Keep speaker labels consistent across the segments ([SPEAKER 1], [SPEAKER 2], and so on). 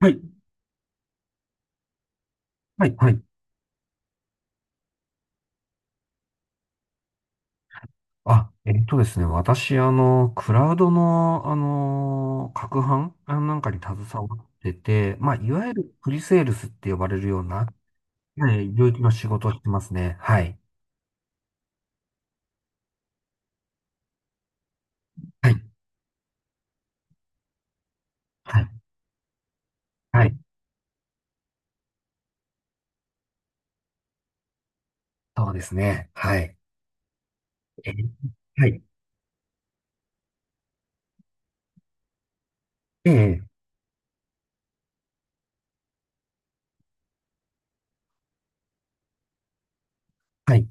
[SPEAKER 1] はい、はい、はい。あ、えっとですね、私、クラウドの、攪拌なんかに携わってて、まあ、いわゆるプリセールスって呼ばれるような、はい、領域の仕事をしてますね。はい。はい、はい、はい。そうですね。はい。えー、はい。ええ、はい、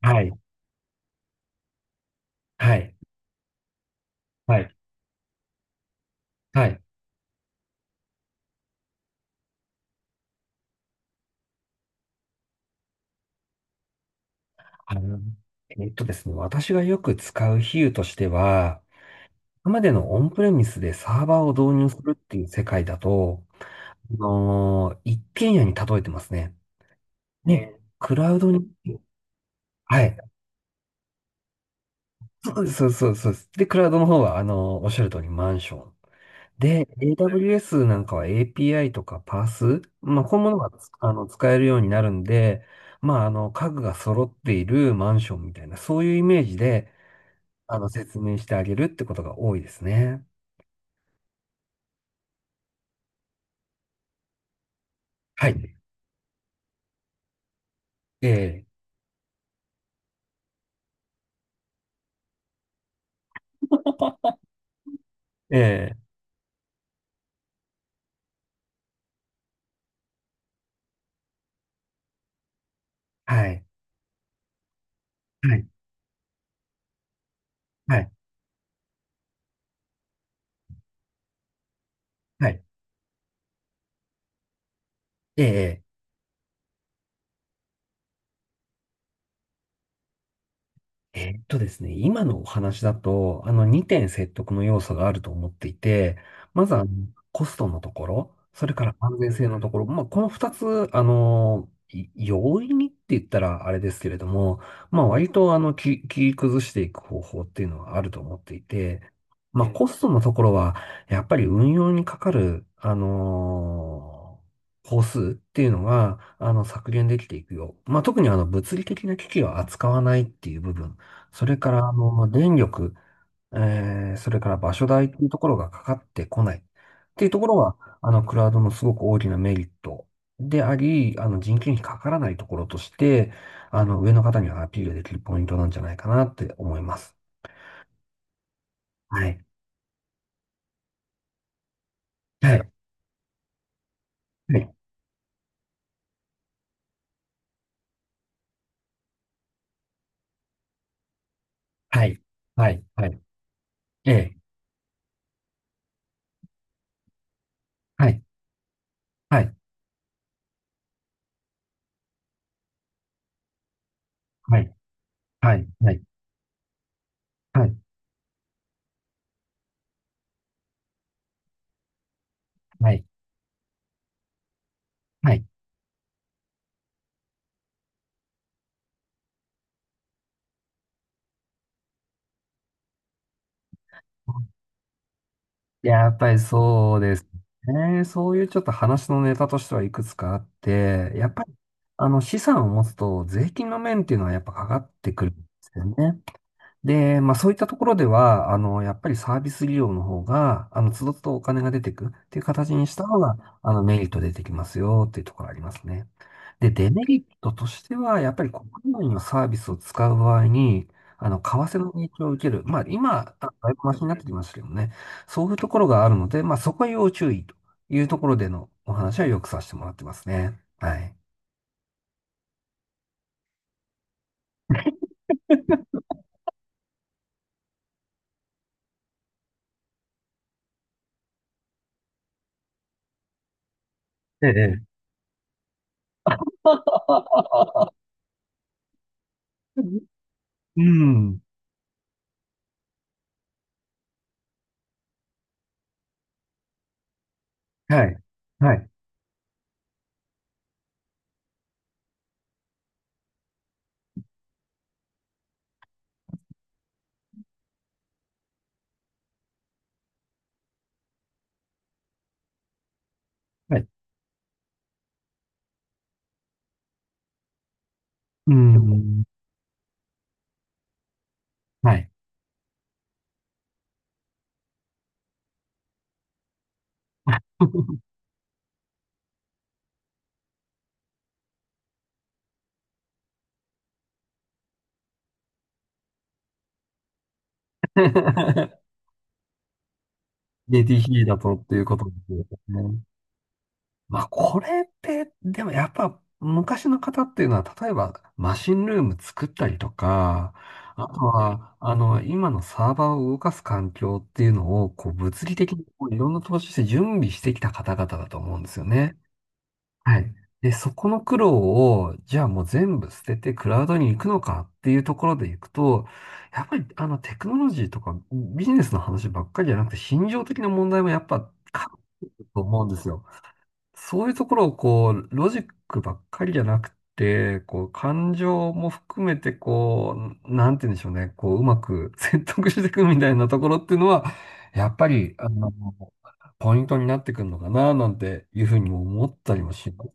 [SPEAKER 1] はい、はい、はい、はい。あの、えっとですね、私がよく使う比喩としては、今までのオンプレミスでサーバーを導入するっていう世界だと、一軒家に例えてますね。ね、クラウドに、はい。そうそうそうそうです。で、クラウドの方は、おっしゃる通りマンション。で、AWS なんかは API とかパース、まあ、こういうものがつあの使えるようになるんで、まあ、家具が揃っているマンションみたいな、そういうイメージで、説明してあげるってことが多いですね。はい。ええ、ええ、はい。はい。はい。はい。ええ。ですね、今のお話だと、2点説得の要素があると思っていて、まずコストのところ、それから安全性のところ、まあ、この2つ、容易にって言ったらあれですけれども、まあ、割とあのき切り崩していく方法っていうのはあると思っていて、まあ、コストのところは、やっぱり運用にかかる、工数っていうのが、削減できていくよう。まあ、特に物理的な機器を扱わないっていう部分、それから、電力、それから場所代っていうところがかかってこないっていうところは、クラウドのすごく大きなメリットであり、人件費かからないところとして、上の方にはアピールできるポイントなんじゃないかなって思います。はい。はい。はい。はい。はい。はい。ええ。はい。はい。はい。はい。はい。はい。はい。はい。やっぱりそうですね。そういうちょっと話のネタとしてはいくつかあって、やっぱり、資産を持つと税金の面っていうのはやっぱかかってくるんですよね。で、まあそういったところでは、やっぱりサービス利用の方が、都度都度お金が出てくっていう形にした方が、メリット出てきますよっていうところありますね。で、デメリットとしては、やっぱり国内のサービスを使う場合に、為替の影響を受ける。まあ今、だいぶマシになってきましたけどね。そういうところがあるので、まあそこは要注意というところでのお話はよくさせてもらってますね。はい。ええ。うん。はい。はい。はい。うん。はい。で、JTCだとっていうことですね。まあ、これって、でもやっぱ昔の方っていうのは、例えばマシンルーム作ったりとか、あとは、今のサーバーを動かす環境っていうのを、こう、物理的にこういろんな投資して準備してきた方々だと思うんですよね。はい。で、そこの苦労を、じゃあもう全部捨ててクラウドに行くのかっていうところで行くと、やっぱりテクノロジーとかビジネスの話ばっかりじゃなくて、心情的な問題もやっぱ関係すると思うんですよ。そういうところをこう、ロジックばっかりじゃなくて、こう、感情も含めてこう、なんて言うんでしょうね、こう、うまく 説得していくみたいなところっていうのは、やっぱり、ポイントになってくるのかな、なんていうふうにも思ったりもします。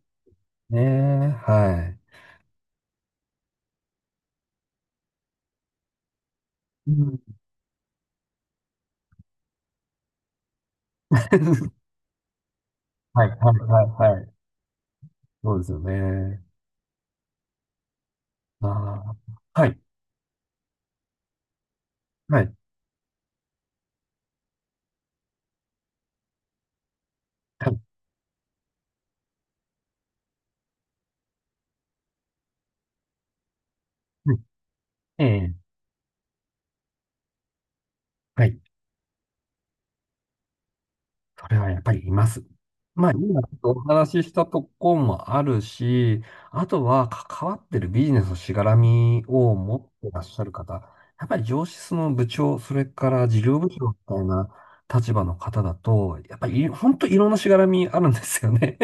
[SPEAKER 1] ねえ、はい。うん。はい、はい、はい、はい。そうですよね。ああ、はい、はい、はい。うん、ええ、はい。それはやっぱりいます。まあ、今ちょっとお話ししたとこもあるし、あとは関わってるビジネスのしがらみを持ってらっしゃる方、やっぱり上司の部長、それから事業部長みたいな立場の方だと、やっぱり本当いろんなしがらみあるんですよね。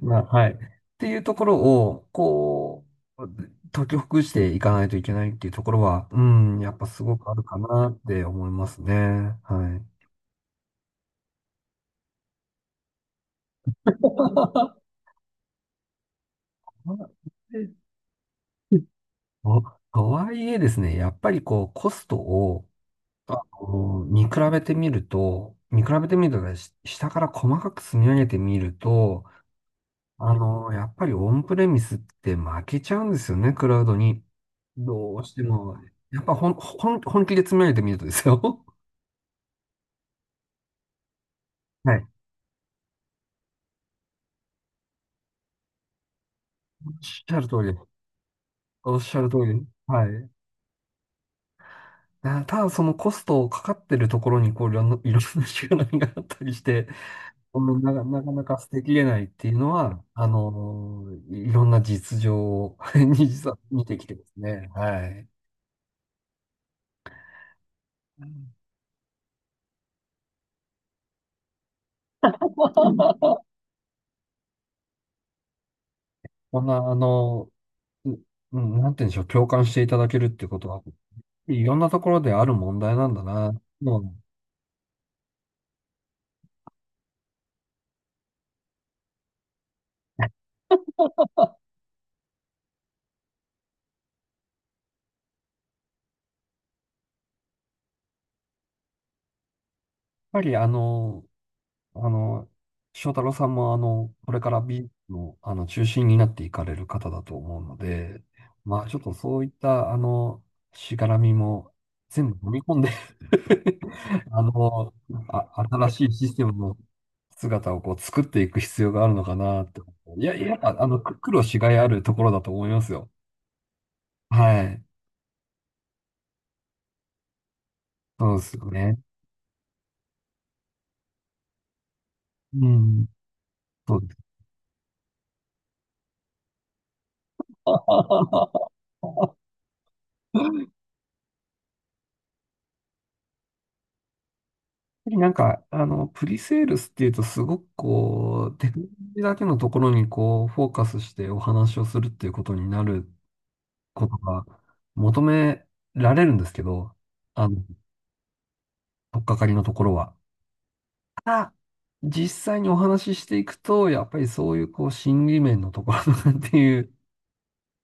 [SPEAKER 1] まあ、はい。っていうところを、こう、解きほぐしていかないといけないっていうところは、うん、やっぱすごくあるかなって思いますね。はい。とはいえですね、やっぱりこう、コストを、見比べてみると、見比べてみるとね、下から細かく積み上げてみると、やっぱりオンプレミスって負けちゃうんですよね、クラウドに。どうしても。やっぱほん、ほん、本気で詰められてみるとですよ。はい。おっしゃる通り。おっしゃる通り。はい。ただそのコストをかかってるところに、こう、いろんな、いろんなしがらみがあったりして、このなかなか捨てきれないっていうのは、いろんな実情を に実は見てきてですね。はい。うん、こんな、ううん、なんて言うんでしょう、共感していただけるってことは、いろんなところである問題なんだな。もう、やっぱりあの、翔太郎さんもこれから美の、中心になっていかれる方だと思うので、まあちょっとそういったしがらみも全部飲み込んで あの、あ、新しいシステムの姿をこう作っていく必要があるのかなって。いや、いや、苦労しがいあるところだと思いますよ。はい。そうですよね。うん。そうです。なんか、プリセールスっていうと、すごくこう、テクノロジーだけのところにこう、フォーカスしてお話をするっていうことになることが求められるんですけど、あの、取っかかりのところは。あ、実際にお話ししていくと、やっぱりそういうこう、心理面のところとかっていう、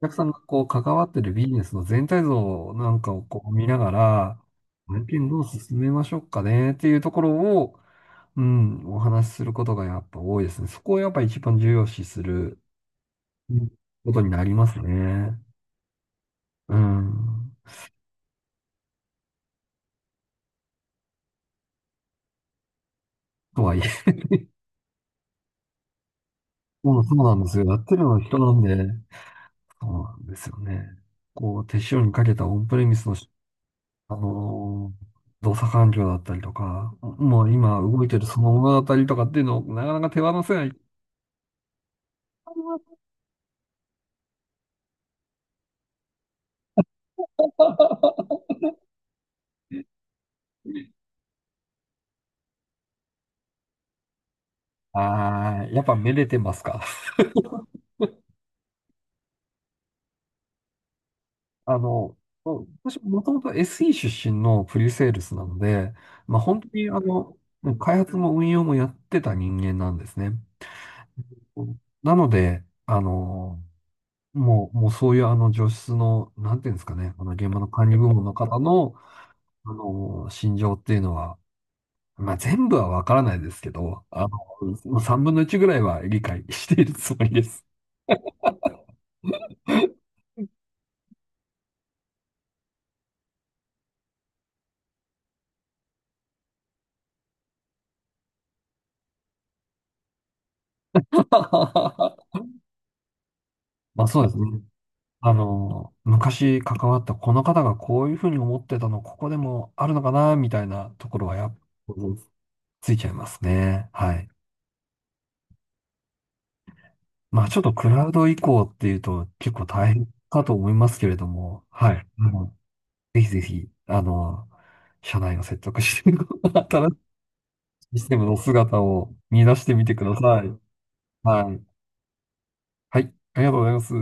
[SPEAKER 1] お客さんがこう、関わってるビジネスの全体像なんかをこう、見ながら、案件どう進めましょうかねっていうところを、うん、お話しすることがやっぱ多いですね。そこをやっぱ一番重要視する、うん、ことになりますね。うん。とはいえ、もうそうなんですよ。やってるのは人なんで、そうなんですよね。こう、手塩にかけたオンプレミスのあのー動作環境だったりとか、もう今動いてるそのものだったりとかっていうのをなかなか手放せない。ああ、やっぱめでてますか。あの、まあ私もともと SE 出身のプリセールスなので、まあ、本当にもう開発も運用もやってた人間なんですね。なので、もうそういう上質の、なんていうんですかね、現場の管理部門の方の、心情っていうのは、まあ、全部はわからないですけど、3分の1ぐらいは理解しているつもりです。まあそうですね。昔関わったこの方がこういうふうに思ってたの、ここでもあるのかな、みたいなところはやっぱついちゃいますね。はい。まあちょっとクラウド移行っていうと結構大変かと思いますけれども、はい。ぜひぜひ、社内を説得して、新しいシステムの姿を見出してみてください。はい。はい。ありがとうございます。